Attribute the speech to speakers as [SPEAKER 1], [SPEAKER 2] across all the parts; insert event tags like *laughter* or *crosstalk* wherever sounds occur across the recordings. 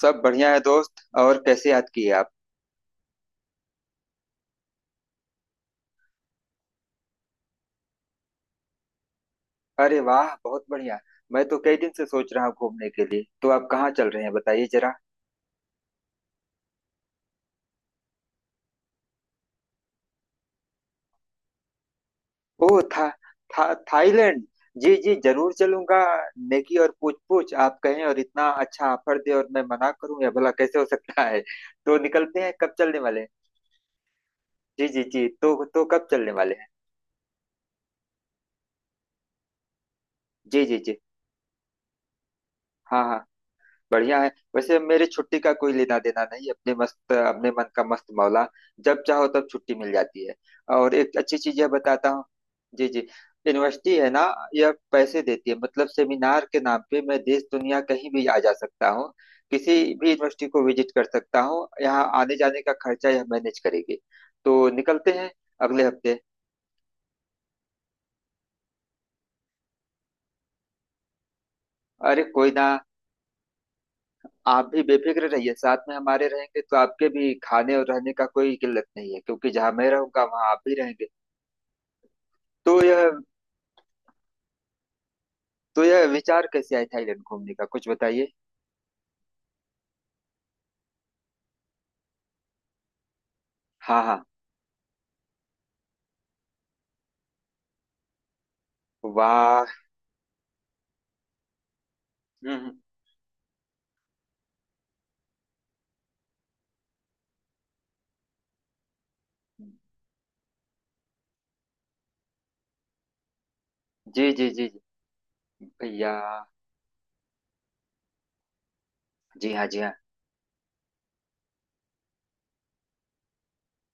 [SPEAKER 1] सब बढ़िया है दोस्त। और कैसे याद किए आप? अरे वाह बहुत बढ़िया। मैं तो कई दिन से सोच रहा हूँ घूमने के लिए। तो आप कहाँ चल रहे हैं, बताइए जरा। ओ था थाईलैंड। जी जी जरूर चलूंगा। नेकी और पूछ पूछ। आप कहें और इतना अच्छा ऑफर दे और मैं मना करूं, या भला कैसे हो सकता है? तो निकलते हैं, कब चलने वाले हैं? जी जी जी तो कब चलने वाले हैं? जी जी जी। हाँ हाँ। बढ़िया है। वैसे मेरी छुट्टी का कोई लेना देना नहीं, अपने मस्त, अपने मन का मस्त मौला। जब चाहो तब छुट्टी मिल जाती है। और एक अच्छी चीज यह बताता हूँ। जी जी। यूनिवर्सिटी है ना, यह पैसे देती है, मतलब सेमिनार के नाम पे मैं देश दुनिया कहीं भी आ जा सकता हूँ। किसी भी यूनिवर्सिटी को विजिट कर सकता हूँ। यहाँ आने जाने का खर्चा यह मैनेज करेगी। तो निकलते हैं अगले हफ्ते। अरे कोई ना। आप भी बेफिक्र रहिए, साथ में हमारे रहेंगे तो आपके भी खाने और रहने का कोई किल्लत नहीं है, क्योंकि जहां मैं रहूंगा वहां आप भी रहेंगे। तो यह तो यह विचार कैसे आया थाईलैंड घूमने का, कुछ बताइए। हाँ हाँ। वाह। हम्म, हम्म। जी जी जी जी, भैया। जी हाँ जी हाँ।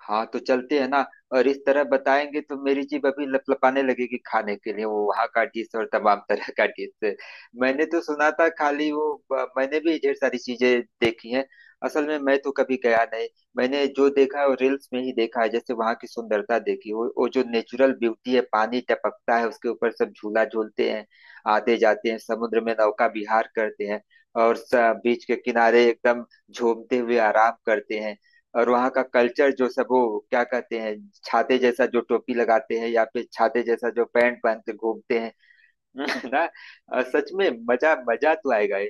[SPEAKER 1] हाँ तो चलते हैं ना। और इस तरह बताएंगे तो मेरी जीभ अभी लपलपाने लगेगी खाने के लिए, वो वहाँ का डिश और तमाम तरह का डिश। मैंने तो सुना था, खाली वो मैंने भी ढेर सारी चीजें देखी हैं। असल में मैं तो कभी गया नहीं। मैंने जो देखा है वो रील्स में ही देखा है। जैसे वहाँ की सुंदरता देखी, वो जो नेचुरल ब्यूटी है, पानी टपकता है उसके ऊपर, सब झूला झूलते हैं। आते जाते हैं, समुद्र में नौका विहार करते हैं। और बीच के किनारे एकदम झूमते हुए आराम करते हैं। और वहाँ का कल्चर जो सब, वो क्या कहते हैं, छाते जैसा जो टोपी लगाते हैं, या फिर छाते जैसा जो पैंट पहनते घूमते हैं। *laughs* ना। सच में मजा मजा तो आएगा ही।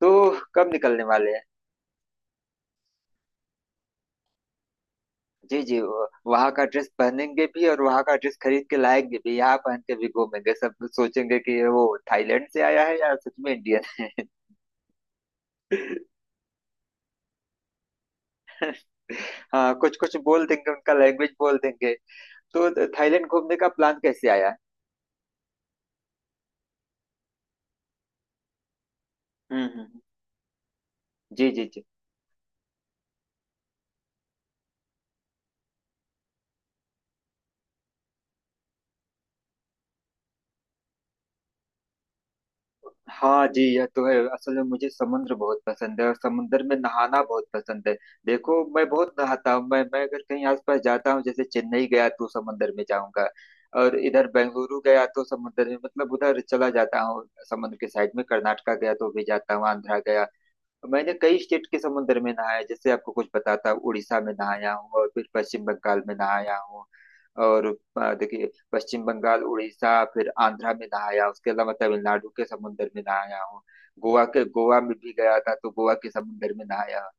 [SPEAKER 1] तो कब निकलने वाले हैं? जी जी वहाँ का ड्रेस पहनेंगे भी और वहाँ का ड्रेस खरीद के लाएंगे भी, यहाँ पहन के भी घूमेंगे। सब सोचेंगे कि वो थाईलैंड से आया है या सच में इंडियन है। *laughs* हाँ कुछ कुछ बोल देंगे, उनका लैंग्वेज बोल देंगे। तो थाईलैंड घूमने का प्लान कैसे आया? हम्म। जी जी जी। हाँ जी, यह तो है। असल में मुझे समुद्र बहुत पसंद है और समुद्र में नहाना बहुत पसंद है। देखो मैं बहुत नहाता हूँ। मैं अगर कहीं आसपास जाता हूँ, जैसे चेन्नई गया तो समुद्र में जाऊंगा। और इधर बेंगलुरु गया तो समुद्र में, मतलब उधर चला जाता हूँ समुद्र के साइड में। कर्नाटका गया तो भी जाता हूँ, आंध्रा गया। मैंने कई स्टेट के समुद्र में नहाया। जैसे आपको कुछ बताता हूँ, उड़ीसा में नहाया हूँ और फिर पश्चिम बंगाल में नहाया हूँ। और देखिए पश्चिम बंगाल, उड़ीसा, फिर आंध्रा में नहाया। उसके अलावा तमिलनाडु के समुद्र में नहाया हूँ। गोवा के, गोवा में भी गया था तो गोवा के समुद्र में नहाया।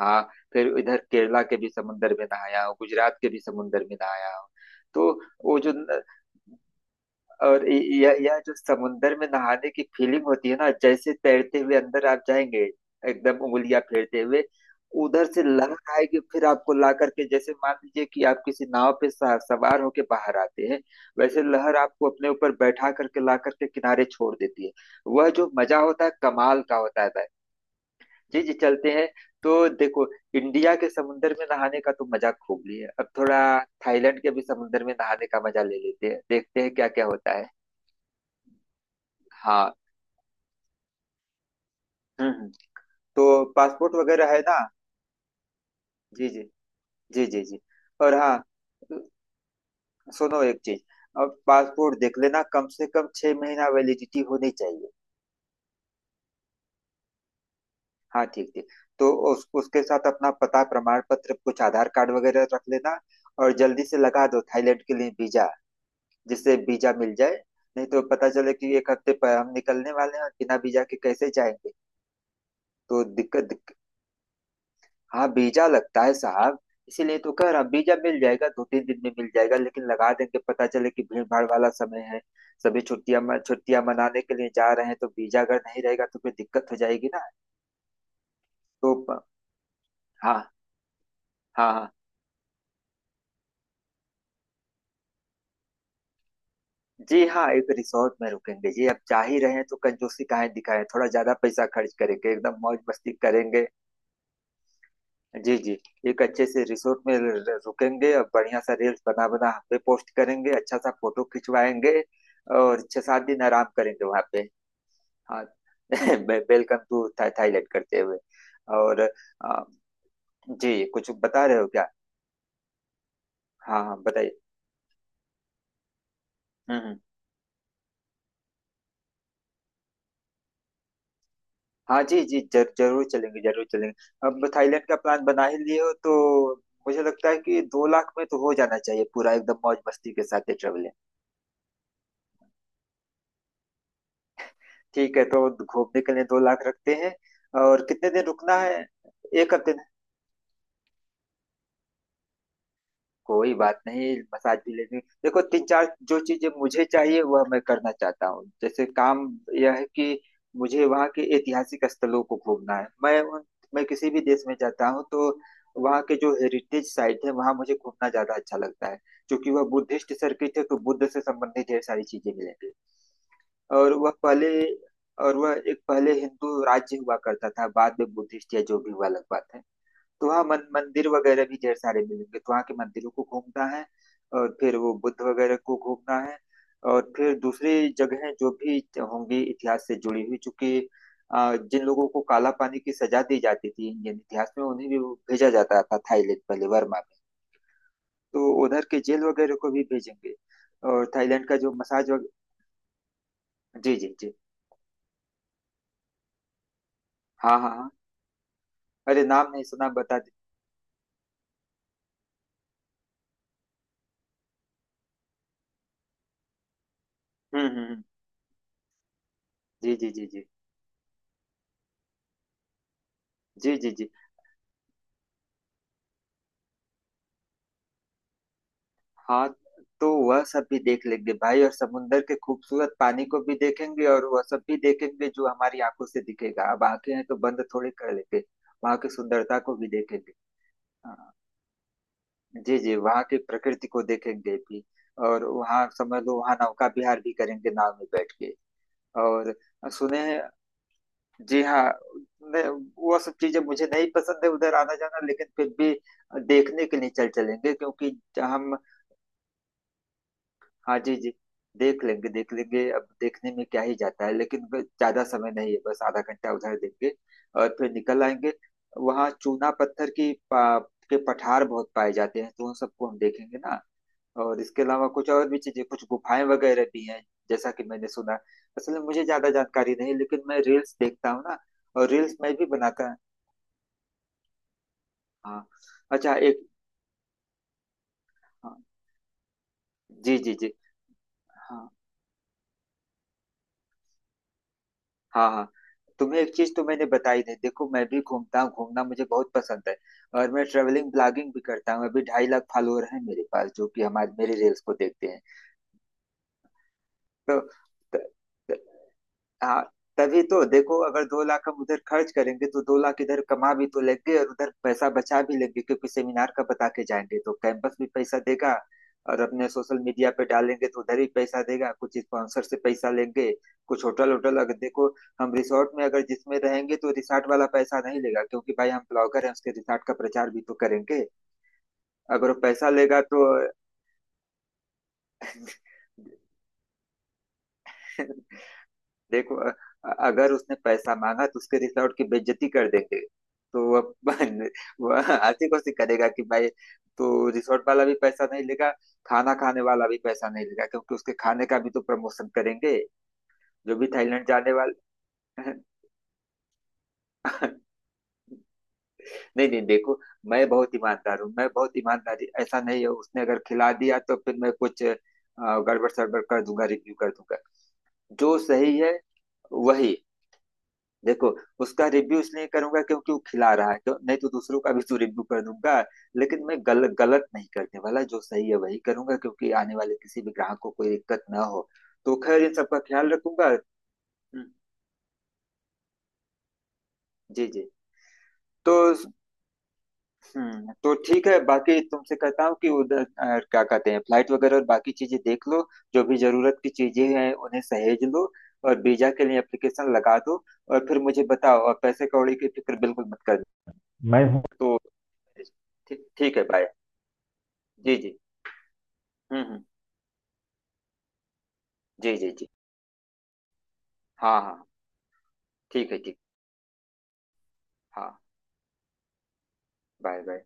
[SPEAKER 1] हाँ। फिर इधर केरला के भी समुद्र में नहाया हूँ, गुजरात के भी समुद्र में नहाया हूँ। तो वो जो और इ- यह जो समुंदर में नहाने की फीलिंग होती है ना, जैसे तैरते हुए अंदर आप जाएंगे एकदम उंगलियां फेरते हुए। उधर से लहर आएगी, फिर आपको ला करके, जैसे मान लीजिए कि आप किसी नाव पे सवार होके बाहर आते हैं। वैसे लहर आपको अपने ऊपर बैठा करके ला करके किनारे छोड़ देती है। वह जो मजा होता है, कमाल का होता है भाई। जी जी चलते हैं। तो देखो, इंडिया के समुंदर में नहाने का तो मजा खूब लिया, अब थोड़ा थाईलैंड के भी समुंदर में नहाने का मजा ले लेते हैं, देखते हैं क्या क्या होता है। हाँ। हम्म हम्म, तो पासपोर्ट वगैरह है ना। जी जी जी जी जी। और हाँ, सुनो एक चीज, अब पासपोर्ट देख लेना, कम से कम 6 महीना वैलिडिटी होनी चाहिए। हाँ ठीक ठीक। तो उस उसके साथ अपना पता प्रमाण पत्र कुछ आधार कार्ड वगैरह रख लेना। और जल्दी से लगा दो थाईलैंड के लिए वीजा, जिससे वीजा मिल जाए। नहीं तो पता चले कि 1 हफ्ते पर हम निकलने वाले हैं और बिना वीजा के कैसे जाएंगे, तो दिक्कत। हाँ वीजा लगता है साहब। इसीलिए तो कह रहा हूँ, वीजा मिल जाएगा, 2-3 दिन में मिल जाएगा लेकिन लगा देंगे, पता चले कि भीड़ भाड़ वाला समय है। सभी छुट्टियां छुट्टियां मनाने के लिए जा रहे हैं तो वीजा अगर नहीं रहेगा तो फिर दिक्कत हो जाएगी ना। तो हाँ हाँ हाँ। जी हाँ एक रिसोर्ट में रुकेंगे जी, अब जा ही रहे हैं तो कंजूसी काहे दिखाएं, थोड़ा ज्यादा पैसा खर्च करेंगे, एकदम मौज मस्ती करेंगे। जी जी। एक अच्छे से रिसोर्ट में रुकेंगे और बढ़िया सा रील्स बना बना हम पे पोस्ट करेंगे, अच्छा सा फोटो खिंचवाएंगे। और 6-7 दिन आराम करेंगे वहां पे। हाँ। *laughs* वेलकम टू थाईलैंड करते हुए। और जी कुछ बता रहे हो क्या? हाँ हाँ बताइए। हम्म हम्म। हाँ जी जी जरूर चलेंगे जरूर चलेंगे। अब थाईलैंड का प्लान बना ही लिए हो तो मुझे लगता है कि 2 लाख में तो हो जाना चाहिए पूरा, एकदम मौज मस्ती के साथ ये traveling। ठीक है तो घूमने के लिए 2 लाख रखते हैं और कितने दिन रुकना है। 1 हफ्ते दिन। कोई बात नहीं मसाज भी ले लेंगे। देखो तीन चार जो चीजें मुझे चाहिए वह मैं करना चाहता हूँ, जैसे काम यह है कि मुझे वहाँ के ऐतिहासिक स्थलों को घूमना है। मैं किसी भी देश में जाता हूँ तो वहाँ के जो हेरिटेज साइट है वहाँ मुझे घूमना ज्यादा अच्छा लगता है। क्योंकि वह बुद्धिस्ट सर्किट है तो बुद्ध से संबंधित ढेर सारी चीजें मिलेंगी। और वह पहले और वह एक पहले हिंदू राज्य हुआ करता था, बाद में बुद्धिस्ट या जो भी हुआ अलग बात है। तो वहाँ मंदिर वगैरह भी ढेर सारे मिलेंगे तो वहाँ के मंदिरों को घूमना है। और फिर वो बुद्ध वगैरह को घूमना है। और फिर दूसरी जगह जो भी होंगी इतिहास से जुड़ी हुई, चूंकि जिन लोगों को काला पानी की सजा दी जाती थी इंडियन इतिहास में उन्हें भी भेजा जाता था थाईलैंड, पहले वर्मा में। तो उधर के जेल वगैरह को भी भेजेंगे। और थाईलैंड का जो मसाज वग... जी जी जी। हाँ हाँ हाँ। अरे नाम नहीं सुना, बता दे। हम्म हम्म हम्म, जी जी जी जी जी जी जी। हाँ। तो वह सब भी देख लेंगे भाई और समुंदर के खूबसूरत पानी को भी देखेंगे और वह सब भी देखेंगे जो हमारी आंखों से दिखेगा, अब आंखें हैं तो बंद थोड़ी कर लेंगे, वहां की सुंदरता को भी देखेंगे। हाँ जी जी। वहाँ की प्रकृति को देखेंगे भी, और वहाँ समझ लो वहाँ नौका विहार भी करेंगे नाव में बैठ के। और सुने हैं। जी हाँ। मैं वो सब चीजें मुझे नहीं पसंद है उधर आना जाना, लेकिन फिर भी देखने के लिए चल चलेंगे क्योंकि हम। हाँ जी जी। देख लेंगे देख लेंगे, अब देखने में क्या ही जाता है, लेकिन बस ज्यादा समय नहीं है, बस आधा घंटा उधर देंगे और फिर निकल आएंगे। वहाँ चूना पत्थर की के पठार बहुत पाए जाते हैं तो उन सबको हम देखेंगे ना। और इसके अलावा कुछ और भी चीजें, कुछ गुफाएं वगैरह भी हैं जैसा कि मैंने सुना। असल में मुझे ज्यादा जानकारी नहीं, लेकिन मैं रील्स देखता हूँ ना और रील्स मैं भी बनाता। हाँ। अच्छा एक हाँ, जी जी जी। हाँ हाँ हाँ। तुम्हें एक चीज तो मैंने बताई नहीं। देखो मैं भी घूमता हूँ, घूमना मुझे बहुत पसंद है और मैं ट्रेवलिंग ब्लॉगिंग भी करता हूँ, अभी 2.5 लाख फॉलोअर हैं मेरे पास जो कि हमारे मेरे रील्स को देखते हैं। तो, तो, हाँ। तभी तो देखो, अगर 2 लाख हम उधर खर्च करेंगे तो 2 लाख इधर कमा भी तो लेंगे और उधर पैसा बचा भी लेंगे, क्योंकि सेमिनार का बता के जाएंगे तो कैंपस भी पैसा देगा। और अपने सोशल मीडिया पे डालेंगे तो उधर भी पैसा देगा, कुछ स्पॉन्सर से पैसा लेंगे, कुछ होटल होटल अगर देखो हम रिसोर्ट में अगर जिसमें रहेंगे तो रिसोर्ट वाला पैसा नहीं लेगा, क्योंकि भाई हम ब्लॉगर हैं, उसके रिसोर्ट का प्रचार भी तो करेंगे। अगर वो पैसा लेगा तो *laughs* देखो अगर उसने पैसा मांगा तो उसके रिसोर्ट की बेइज्जती कर देंगे। तो वह *laughs* वह ऐसी कोशिश करेगा कि भाई, तो रिसोर्ट वाला भी पैसा नहीं लेगा, खाना खाने वाला भी पैसा नहीं लेगा, क्योंकि उसके खाने का भी तो प्रमोशन करेंगे। जो भी थाईलैंड जाने वाले हैं। *laughs* नहीं नहीं देखो, मैं बहुत ईमानदार हूँ, मैं बहुत ईमानदारी, ऐसा नहीं है, उसने अगर खिला दिया तो फिर मैं कुछ गड़बड़ सड़बड़ कर दूंगा, रिव्यू कर दूंगा जो सही है वही। देखो उसका रिव्यू इसलिए करूंगा क्योंकि वो खिला रहा है क्यों, नहीं तो दूसरों का भी तो रिव्यू कर दूंगा। लेकिन मैं गलत नहीं करने वाला, जो सही है वही करूंगा, क्योंकि आने वाले किसी भी ग्राहक को कोई दिक्कत ना हो, तो खैर इन सबका ख्याल रखूंगा। हम्म, जी जी। तो तो ठीक है, बाकी तुमसे कहता हूँ कि उधर क्या कहते हैं, फ्लाइट वगैरह और बाकी चीजें देख लो। जो भी जरूरत की चीजें हैं उन्हें सहेज लो। और वीजा के लिए एप्लीकेशन लगा दो। और फिर मुझे बताओ, और पैसे कौड़ी की फिक्र बिल्कुल मत करना, मैं हूँ तो। ठीक है, बाय। जी जी। हम्म। जी जी जी। हाँ हाँ हाँ. ठीक है ठीक। हाँ। Bye bye.